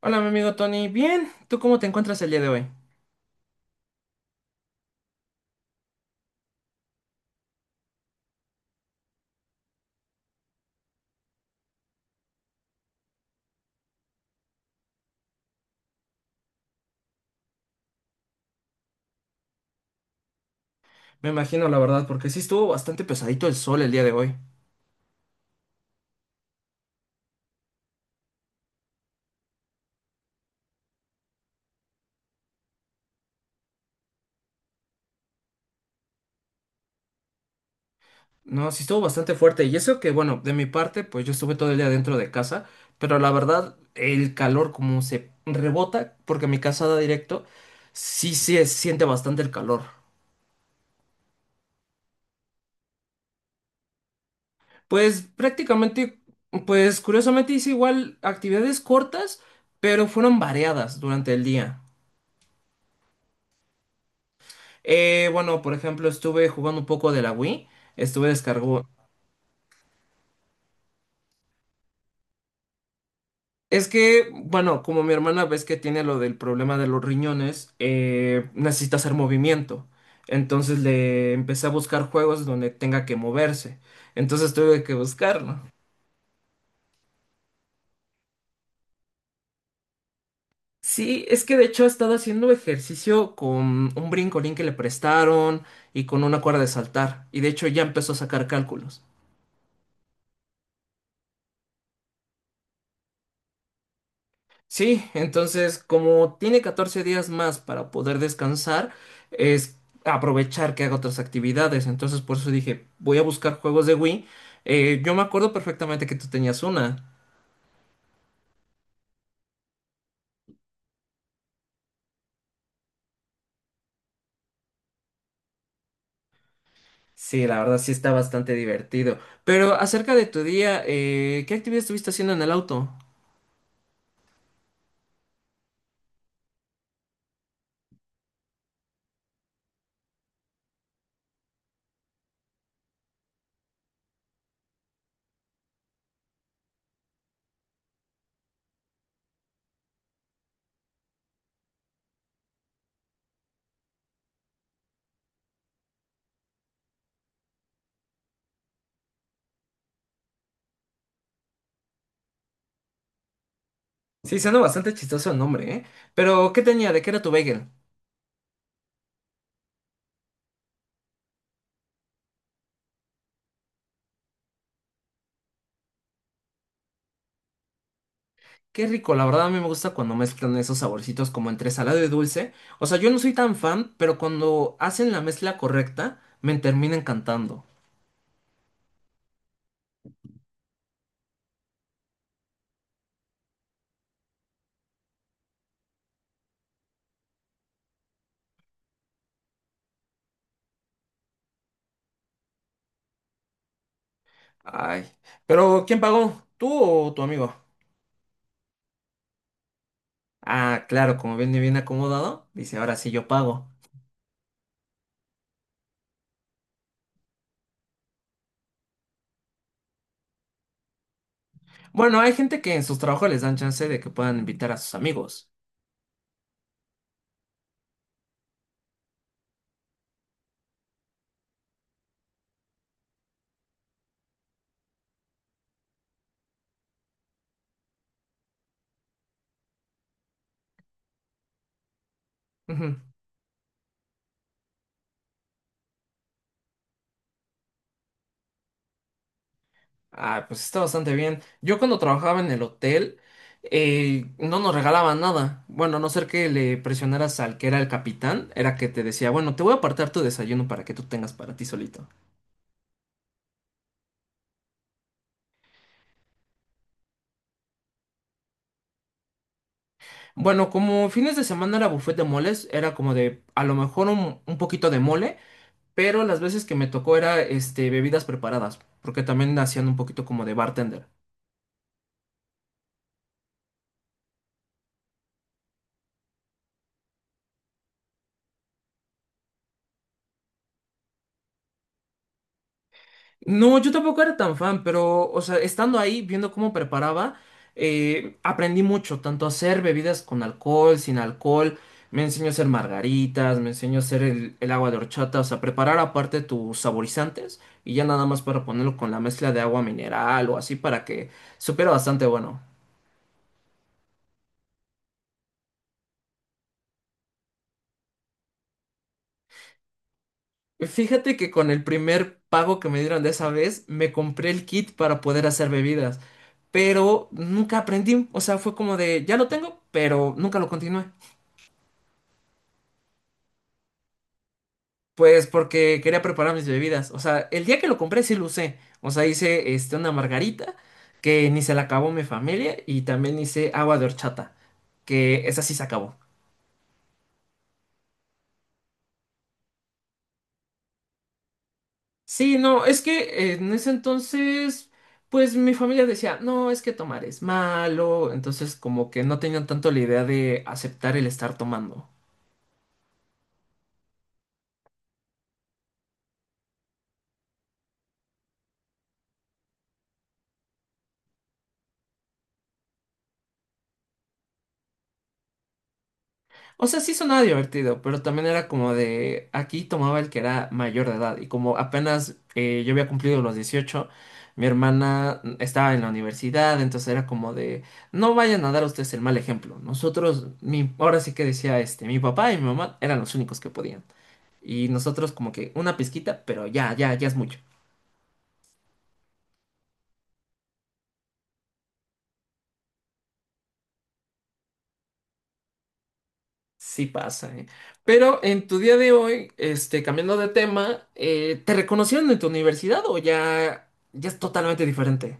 Hola, mi amigo Tony. Bien, ¿tú cómo te encuentras el día de hoy? Me imagino, la verdad, porque sí estuvo bastante pesadito el sol el día de hoy. No, sí estuvo bastante fuerte. Y eso que, bueno, de mi parte, pues yo estuve todo el día dentro de casa, pero la verdad, el calor como se rebota, porque mi casa da directo, sí se siente bastante el calor. Pues prácticamente, pues curiosamente hice igual actividades cortas, pero fueron variadas durante el día. Bueno, por ejemplo, estuve jugando un poco de la Wii. Estuve descargo- Es que, bueno, como mi hermana ves que tiene lo del problema de los riñones, necesita hacer movimiento. Entonces le empecé a buscar juegos donde tenga que moverse. Entonces tuve que buscarlo. Sí, es que de hecho ha estado haciendo ejercicio con un brincolín que le prestaron y con una cuerda de saltar. Y de hecho ya empezó a sacar cálculos. Sí, entonces como tiene 14 días más para poder descansar, es aprovechar que haga otras actividades. Entonces por eso dije, voy a buscar juegos de Wii. Yo me acuerdo perfectamente que tú tenías una. Sí, la verdad sí está bastante divertido. Pero acerca de tu día, ¿qué actividad estuviste haciendo en el auto? Sí, suena bastante chistoso el nombre, ¿eh? Pero ¿qué tenía? ¿De qué era tu bagel? Qué rico, la verdad a mí me gusta cuando mezclan esos saborcitos como entre salado y dulce. O sea, yo no soy tan fan, pero cuando hacen la mezcla correcta, me termina encantando. Ay, pero ¿quién pagó? ¿Tú o tu amigo? Ah, claro, como viene bien acomodado, dice, ahora sí yo pago. Bueno, hay gente que en sus trabajos les dan chance de que puedan invitar a sus amigos. Ujú. Ah, pues está bastante bien. Yo cuando trabajaba en el hotel, no nos regalaban nada. Bueno, a no ser que le presionaras al que era el capitán, era que te decía, bueno, te voy a apartar tu desayuno para que tú tengas para ti solito. Bueno, como fines de semana era buffet de moles, era como de a lo mejor un poquito de mole, pero las veces que me tocó era este bebidas preparadas, porque también hacían un poquito como de bartender. No, yo tampoco era tan fan, pero, o sea, estando ahí, viendo cómo preparaba, aprendí mucho, tanto a hacer bebidas con alcohol, sin alcohol, me enseñó a hacer margaritas, me enseñó a hacer el agua de horchata, o sea, preparar aparte tus saborizantes y ya nada más para ponerlo con la mezcla de agua mineral o así para que supiera bastante bueno. Fíjate que con el primer pago que me dieron de esa vez, me compré el kit para poder hacer bebidas, pero nunca aprendí, o sea, fue como de, ya lo tengo, pero nunca lo continué. Pues porque quería preparar mis bebidas. O sea, el día que lo compré sí lo usé. O sea, hice este, una margarita que ni se la acabó mi familia y también hice agua de horchata, que esa sí se acabó. Sí, no, es que en ese entonces, pues mi familia decía, no, es que tomar es malo. Entonces como que no tenían tanto la idea de aceptar el estar tomando. O sea, sí sonaba divertido, pero también era como de aquí tomaba el que era mayor de edad y como apenas yo había cumplido los 18 mi hermana estaba en la universidad, entonces era como de no vayan a dar ustedes el mal ejemplo. Nosotros, mi, ahora sí que decía este, mi papá y mi mamá eran los únicos que podían y nosotros como que una pizquita, pero ya, ya, ya es mucho. Sí pasa, ¿eh? Pero en tu día de hoy, este, cambiando de tema, ¿te reconocieron en tu universidad o ya, ya es totalmente diferente?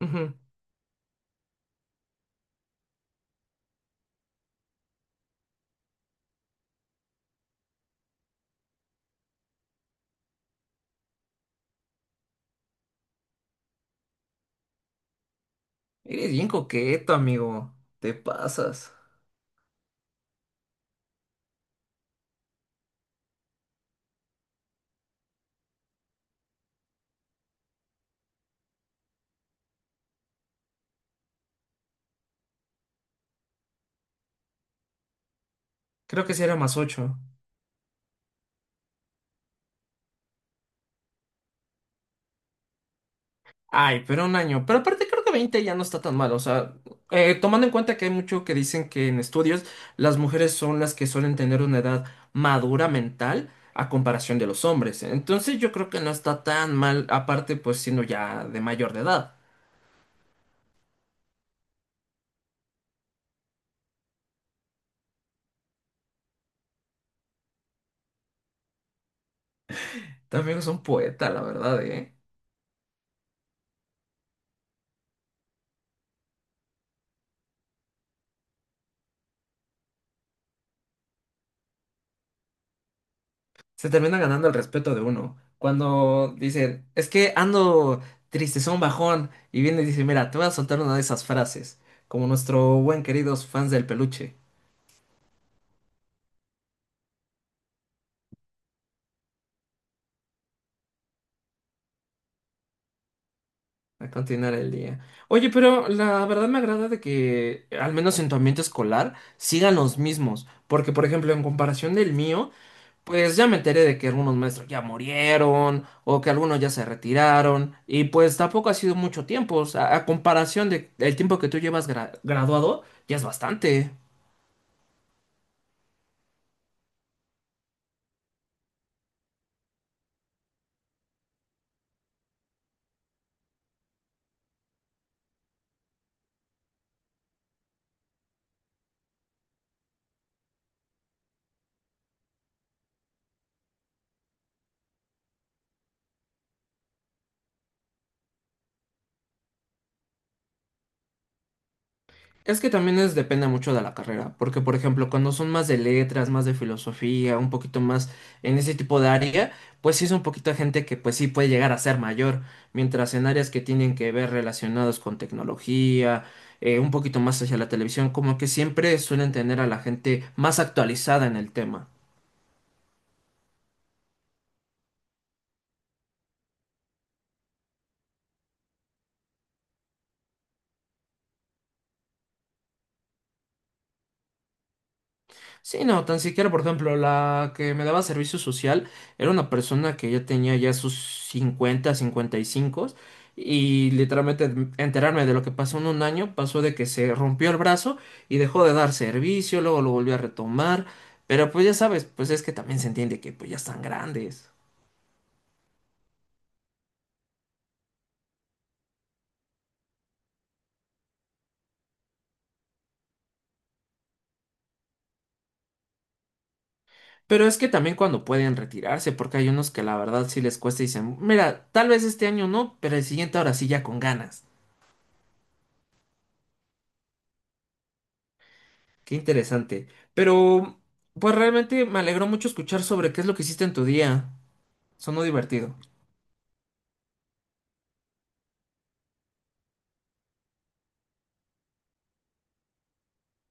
Ujú. Eres bien coqueto, amigo. Te pasas. Creo que sí era más ocho. Ay, pero un año. Pero aparte creo que 20 ya no está tan mal. O sea, tomando en cuenta que hay mucho que dicen que en estudios las mujeres son las que suelen tener una edad madura mental a comparación de los hombres. Entonces yo creo que no está tan mal, aparte pues siendo ya de mayor de edad. También es un poeta, la verdad, Se termina ganando el respeto de uno. Cuando dicen, es que ando tristezón, bajón, y viene y dice, mira, te voy a soltar una de esas frases, como nuestro buen queridos fans del peluche, a continuar el día. Oye, pero la verdad me agrada de que, al menos en tu ambiente escolar, sigan los mismos, porque por ejemplo, en comparación del mío, pues ya me enteré de que algunos maestros ya murieron o que algunos ya se retiraron y pues tampoco ha sido mucho tiempo, o sea, a comparación de el tiempo que tú llevas graduado, ya es bastante. Es que también es, depende mucho de la carrera, porque por ejemplo, cuando son más de letras, más de filosofía, un poquito más en ese tipo de área, pues sí es un poquito de gente que pues sí puede llegar a ser mayor, mientras en áreas que tienen que ver relacionados con tecnología, un poquito más hacia la televisión, como que siempre suelen tener a la gente más actualizada en el tema. Sí, no, tan siquiera, por ejemplo, la que me daba servicio social era una persona que ya tenía ya sus 50, 55 y literalmente enterarme de lo que pasó en un año pasó de que se rompió el brazo y dejó de dar servicio, luego lo volvió a retomar, pero pues ya sabes, pues es que también se entiende que pues ya están grandes. Pero es que también cuando pueden retirarse, porque hay unos que la verdad sí les cuesta y dicen, mira, tal vez este año no, pero el siguiente ahora sí ya con ganas. Qué interesante. Pero, pues realmente me alegró mucho escuchar sobre qué es lo que hiciste en tu día. Sonó divertido.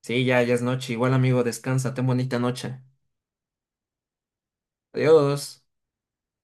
Sí, ya, ya es noche. Igual, amigo, descansa. Ten bonita noche. Adiós.